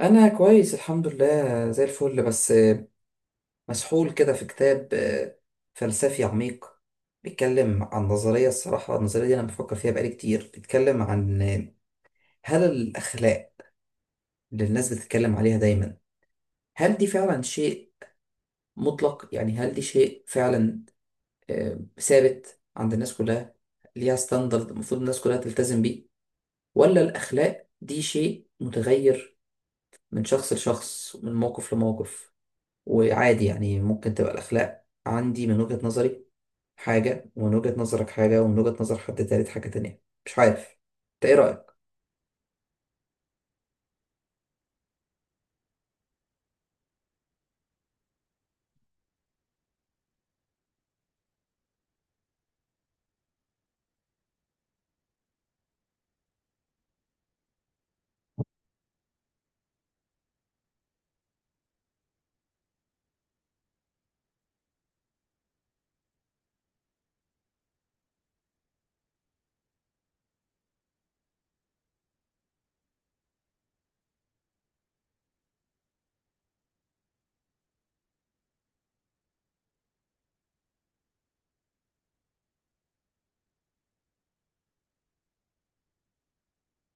انا كويس الحمد لله زي الفل، بس مسحول كده في كتاب فلسفي عميق. بيتكلم عن نظرية الصراحة. النظرية دي انا بفكر فيها بقالي كتير. بيتكلم عن هل الاخلاق اللي الناس بتتكلم عليها دايما، هل دي فعلا شيء مطلق؟ يعني هل دي شيء فعلا ثابت عند الناس كلها، ليها ستاندرد المفروض الناس كلها تلتزم بيه؟ ولا الاخلاق دي شيء متغير من شخص لشخص، من موقف لموقف؟ وعادي يعني ممكن تبقى الأخلاق عندي من وجهة نظري حاجة، ومن وجهة نظرك حاجة، ومن وجهة نظر حد تالت حاجة تانية. مش عارف، انت ايه رأيك؟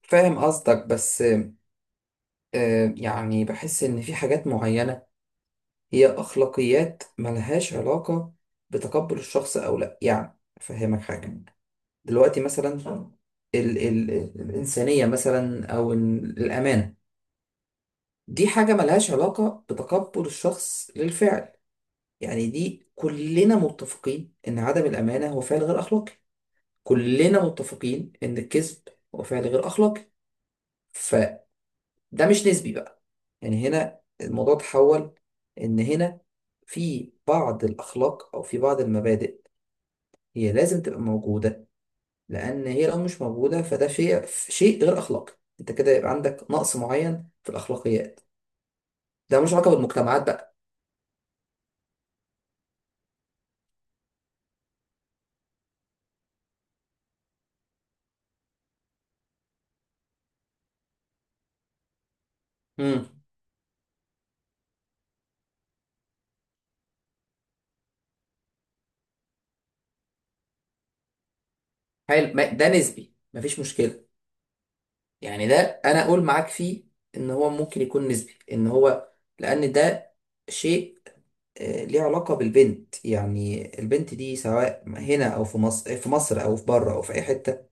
فاهم قصدك، بس يعني بحس إن في حاجات معينة هي أخلاقيات ملهاش علاقة بتقبل الشخص أو لأ. يعني أفهمك حاجة، دلوقتي مثلا ال ال الإنسانية مثلا أو الأمانة. دي حاجة ملهاش علاقة بتقبل الشخص للفعل. يعني دي كلنا متفقين ان عدم الامانه هو فعل غير اخلاقي. كلنا متفقين ان الكذب هو فعل غير اخلاقي. فده مش نسبي بقى. يعني هنا الموضوع تحول، ان هنا في بعض الاخلاق او في بعض المبادئ، هي لازم تبقى موجوده. لان هي لو مش موجوده فده شيء غير اخلاقي، انت كده يبقى عندك نقص معين في الاخلاقيات. ده ملوش علاقه بالمجتمعات بقى. امم حلو، ده نسبي مفيش مشكله. يعني ده، انا اقول معاك فيه ان هو ممكن يكون نسبي، ان هو لان ده شيء ليه علاقة بالبنت. يعني البنت دي، سواء هنا او في مصر او في بره او في اي حتة،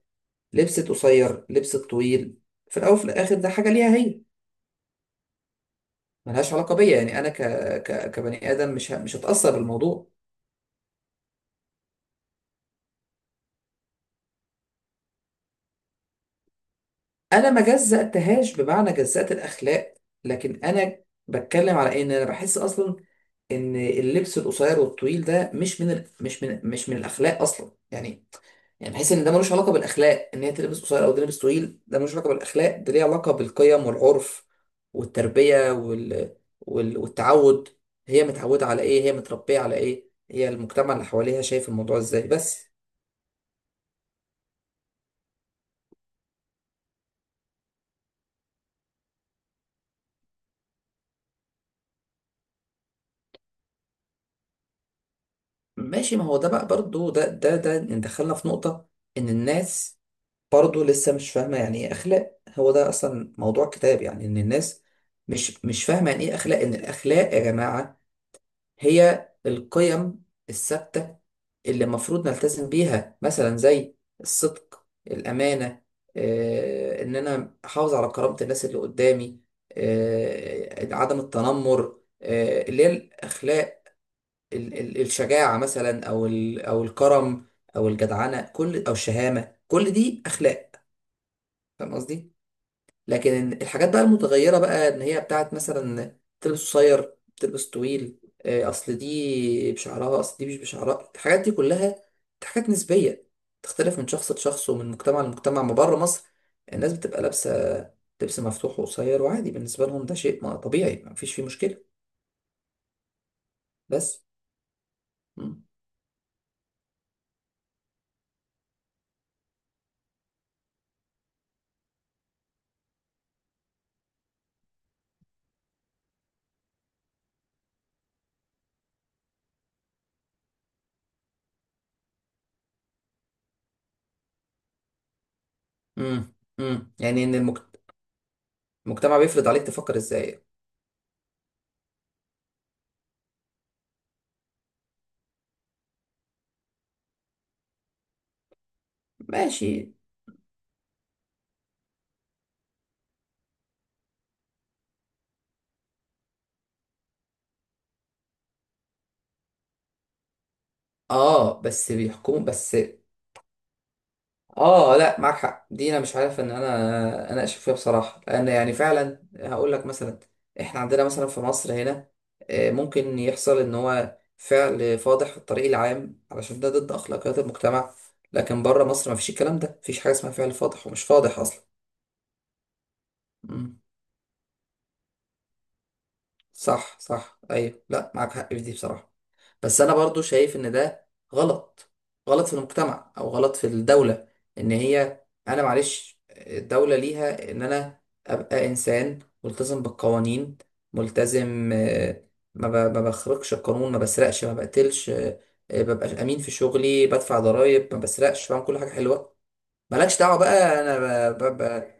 لبست قصير لبست طويل، في الاول وفي الاخر ده حاجة ليها هي، ملهاش علاقة بيا. يعني انا كبني ادم مش هتأثر بالموضوع. انا ما جزأتهاش بمعنى جزأت الاخلاق، لكن انا بتكلم على إيه؟ ان انا بحس اصلا ان اللبس القصير والطويل ده مش من ال... مش من مش من الاخلاق اصلا يعني بحس ان ده ملوش علاقه بالاخلاق، ان هي تلبس قصير او تلبس طويل ده ملوش علاقه بالاخلاق، ده ليه علاقه بالقيم والعرف والتربيه والتعود. هي متعوده على ايه، هي متربيه على ايه، هي المجتمع اللي حواليها شايف الموضوع ازاي؟ بس ماشي، ما هو ده بقى برضو ده إن دخلنا في نقطه ان الناس برضه لسه مش فاهمة يعني ايه اخلاق، هو ده اصلا موضوع كتاب. يعني ان الناس مش فاهمة يعني ايه اخلاق، ان الاخلاق يا جماعة هي القيم الثابتة اللي المفروض نلتزم بيها، مثلا زي الصدق، الامانة، ان انا احافظ على كرامة الناس اللي قدامي، عدم التنمر، اللي هي الاخلاق. الشجاعة مثلا او او الكرم او الجدعنة كل او الشهامة، كل دي اخلاق. فاهم قصدي؟ لكن الحاجات بقى المتغيرة بقى، ان هي بتاعت مثلا تلبس قصير تلبس طويل، اصل دي بشعرها، اصل دي مش بشعرها، الحاجات دي كلها حاجات نسبية، تختلف من شخص لشخص ومن مجتمع لمجتمع. ما بره مصر الناس بتبقى لابسة لبس مفتوح وقصير، وعادي بالنسبة لهم ده شيء طبيعي، ما فيش فيه مشكلة. بس مم. يعني ان المجتمع بيفرض عليك تفكر ازاي. ماشي. اه، بس بيحكموا بس. اه لا، معاك حق، دي انا مش عارف ان انا اناقش فيها بصراحه، لان يعني فعلا هقول لك مثلا، احنا عندنا مثلا في مصر هنا ممكن يحصل ان هو فعل فاضح في الطريق العام علشان ده ضد اخلاقيات المجتمع. لكن بره مصر ما فيش الكلام ده، مفيش حاجه اسمها فعل فاضح ومش فاضح اصلا. مم. صح، صح، ايوه، لا، معاك حق في دي بصراحه. بس انا برضو شايف ان ده غلط. غلط في المجتمع او غلط في الدولة، ان هي انا معلش الدولة ليها ان انا ابقى انسان ملتزم بالقوانين، ملتزم ما بخرجش القانون، ما بسرقش، ما بقتلش، ببقى امين في شغلي، بدفع ضرائب، ما بسرقش، بعمل كل حاجة حلوة. مالكش دعوة بقى. انا ب- ب- ب-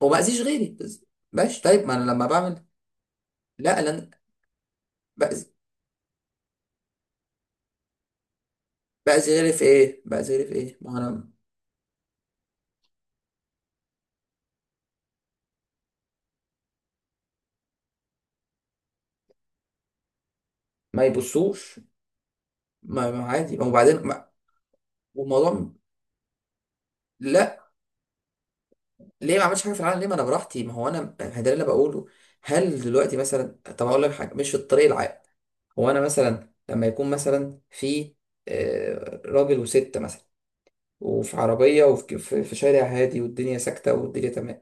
وما اذيش غيري، بس- ماشي طيب، ما انا لما بعمل، لا لا، بأذي بأذي غيري في ايه؟ بأذي غيري في ايه، ما انا ما يبصوش. ما عادي، ما وبعدين ما والموضوع، لا. ليه ما عملتش حاجه في العالم؟ ليه، ما انا براحتي، ما هو انا ما ده اللي بقوله. هل دلوقتي مثلا، طب اقول لك حاجه مش في الطريق العام، هو انا مثلا لما يكون مثلا في راجل وست مثلا، وفي عربيه، وفي في في شارع هادي، والدنيا ساكته والدنيا تمام،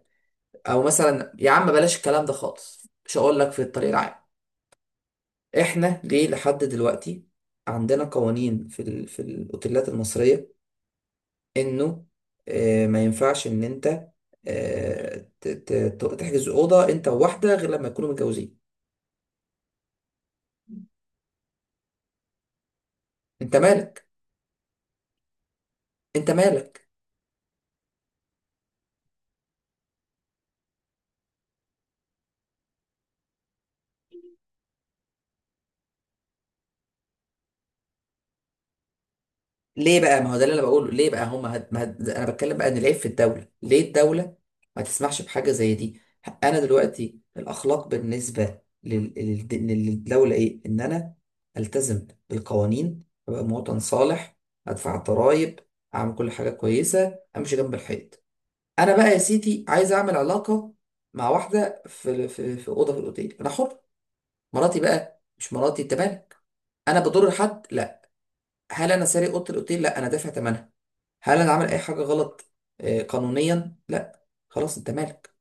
او مثلا يا عم بلاش الكلام ده خالص، مش هقول لك في الطريق العام. احنا ليه لحد دلوقتي عندنا قوانين في الاوتيلات المصريه، انه ما ينفعش ان انت آه، تحجز اوضه انت وواحده غير لما يكونوا متجوزين. انت مالك! انت مالك! ليه بقى؟ ما هو ده اللي انا بقوله. ليه بقى هم هد... ما هد... انا بتكلم بقى ان العيب في الدوله. ليه الدوله ما تسمحش بحاجه زي دي؟ انا دلوقتي الاخلاق بالنسبه للدوله ايه؟ ان انا التزم بالقوانين، ابقى مواطن صالح، ادفع ضرائب، اعمل كل حاجه كويسه، امشي جنب الحيط. انا بقى يا سيتي عايز اعمل علاقه مع واحده في اوضه في الاوتيل، انا حر. مراتي بقى مش مراتي، انت مالك. انا بضر حد؟ لا. هل انا سارق اوضه الاوتيل؟ لا، انا دافع ثمنها. هل انا عامل اي حاجه غلط قانونيا؟ لا. خلاص، انت مالك.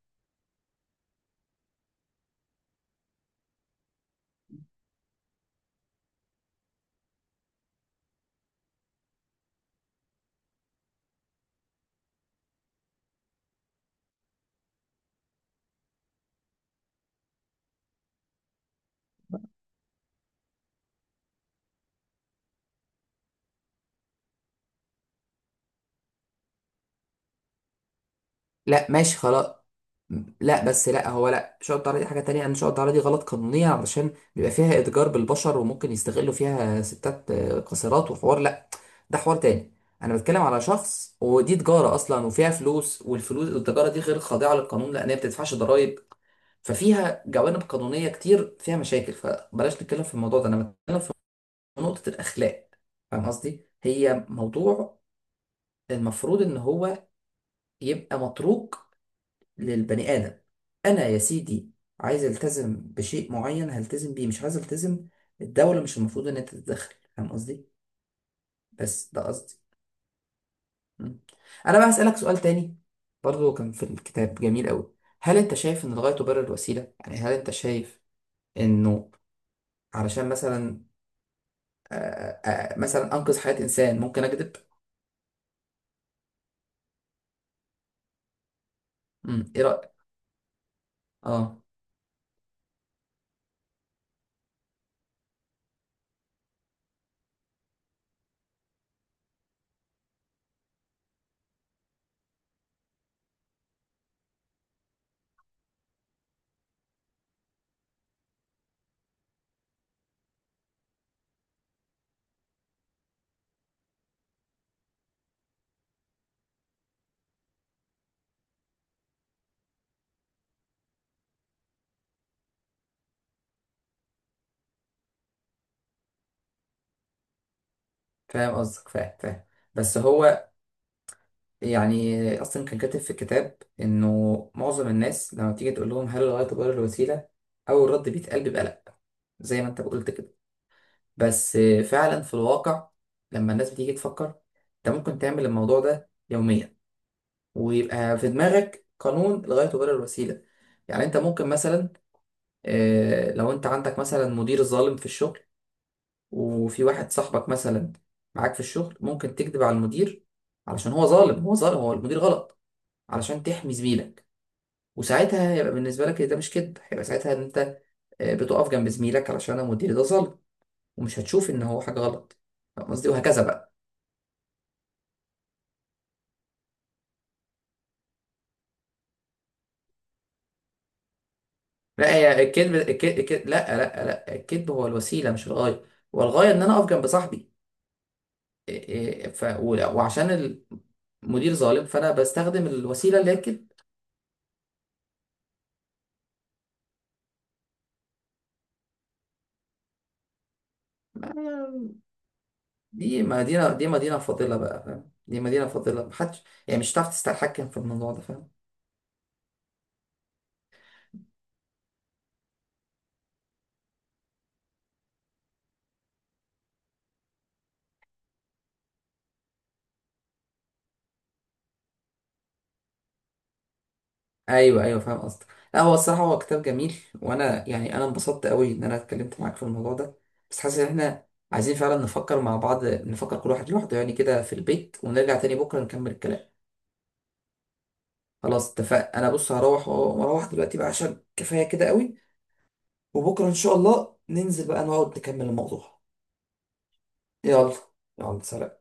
لا ماشي خلاص. لا بس، لا هو، لا شقة الطعارة دي حاجة تانية. أنا شقة الطعارة دي غلط قانونيا، علشان بيبقى فيها إتجار بالبشر وممكن يستغلوا فيها ستات قاصرات وحوار، لا، ده حوار تاني. أنا بتكلم على شخص ودي تجارة أصلا، وفيها فلوس، والفلوس والتجارة دي غير خاضعة للقانون، لأن هي بتدفعش ضرايب. ففيها جوانب قانونية كتير، فيها مشاكل، فبلاش نتكلم في الموضوع ده. أنا بتكلم في نقطة الأخلاق. فاهم قصدي؟ هي موضوع المفروض إن هو يبقى متروك للبني آدم. أنا يا سيدي عايز ألتزم بشيء معين هلتزم بيه، مش عايز ألتزم. الدولة مش المفروض إن أنت تتدخل. فاهم قصدي؟ بس ده قصدي. م. أنا بقى هسألك سؤال تاني، برضو كان في الكتاب جميل أوي. هل أنت شايف إن الغاية تبرر الوسيلة؟ يعني هل أنت شايف إنه علشان مثلا مثلا أنقذ حياة إنسان ممكن أكذب؟ إيه رأيك؟ أه، فاهم قصدك، فاهم، فاهم. بس هو يعني اصلا كان كاتب في الكتاب، انه معظم الناس لما بتيجي تقول لهم هل الغايه تبرر الوسيله، اول رد بيتقال بيبقى لا، زي ما انت قلت كده. بس فعلا في الواقع، لما الناس بتيجي تفكر، انت ممكن تعمل الموضوع ده يوميا، ويبقى في دماغك قانون الغايه تبرر الوسيله. يعني انت ممكن مثلا لو انت عندك مثلا مدير ظالم في الشغل، وفي واحد صاحبك مثلا معاك في الشغل، ممكن تكذب على المدير، علشان هو ظالم، هو ظالم، هو المدير غلط، علشان تحمي زميلك. وساعتها هيبقى بالنسبه لك إيه، ده مش كذب، هيبقى ساعتها ان انت بتقف جنب زميلك، علشان انا مديري ده ظالم، ومش هتشوف ان هو حاجه غلط. فاهم قصدي، وهكذا بقى. لا، هي الكذب لا لا لا، الكذب هو الوسيله مش الغايه. والغايه ان انا اقف جنب صاحبي وعشان المدير ظالم، فانا بستخدم الوسيله اللي هي الكذب. ما- دي مدينه فاضله بقى، فاهم؟ دي مدينه فاضله، محدش يعني مش هتعرف تستحكم في الموضوع ده، فاهم؟ ايوه، ايوه، فاهم قصدك. لا هو الصراحه هو كتاب جميل، وانا يعني انا انبسطت قوي ان انا اتكلمت معاك في الموضوع ده. بس حاسس ان احنا عايزين فعلا نفكر مع بعض، نفكر كل واحد لوحده يعني كده في البيت، ونرجع تاني بكره نكمل الكلام. خلاص اتفق. انا بص هروح، واروح دلوقتي بقى عشان كفايه كده قوي. وبكره ان شاء الله ننزل بقى نقعد نكمل الموضوع. يلا. يلا سلام.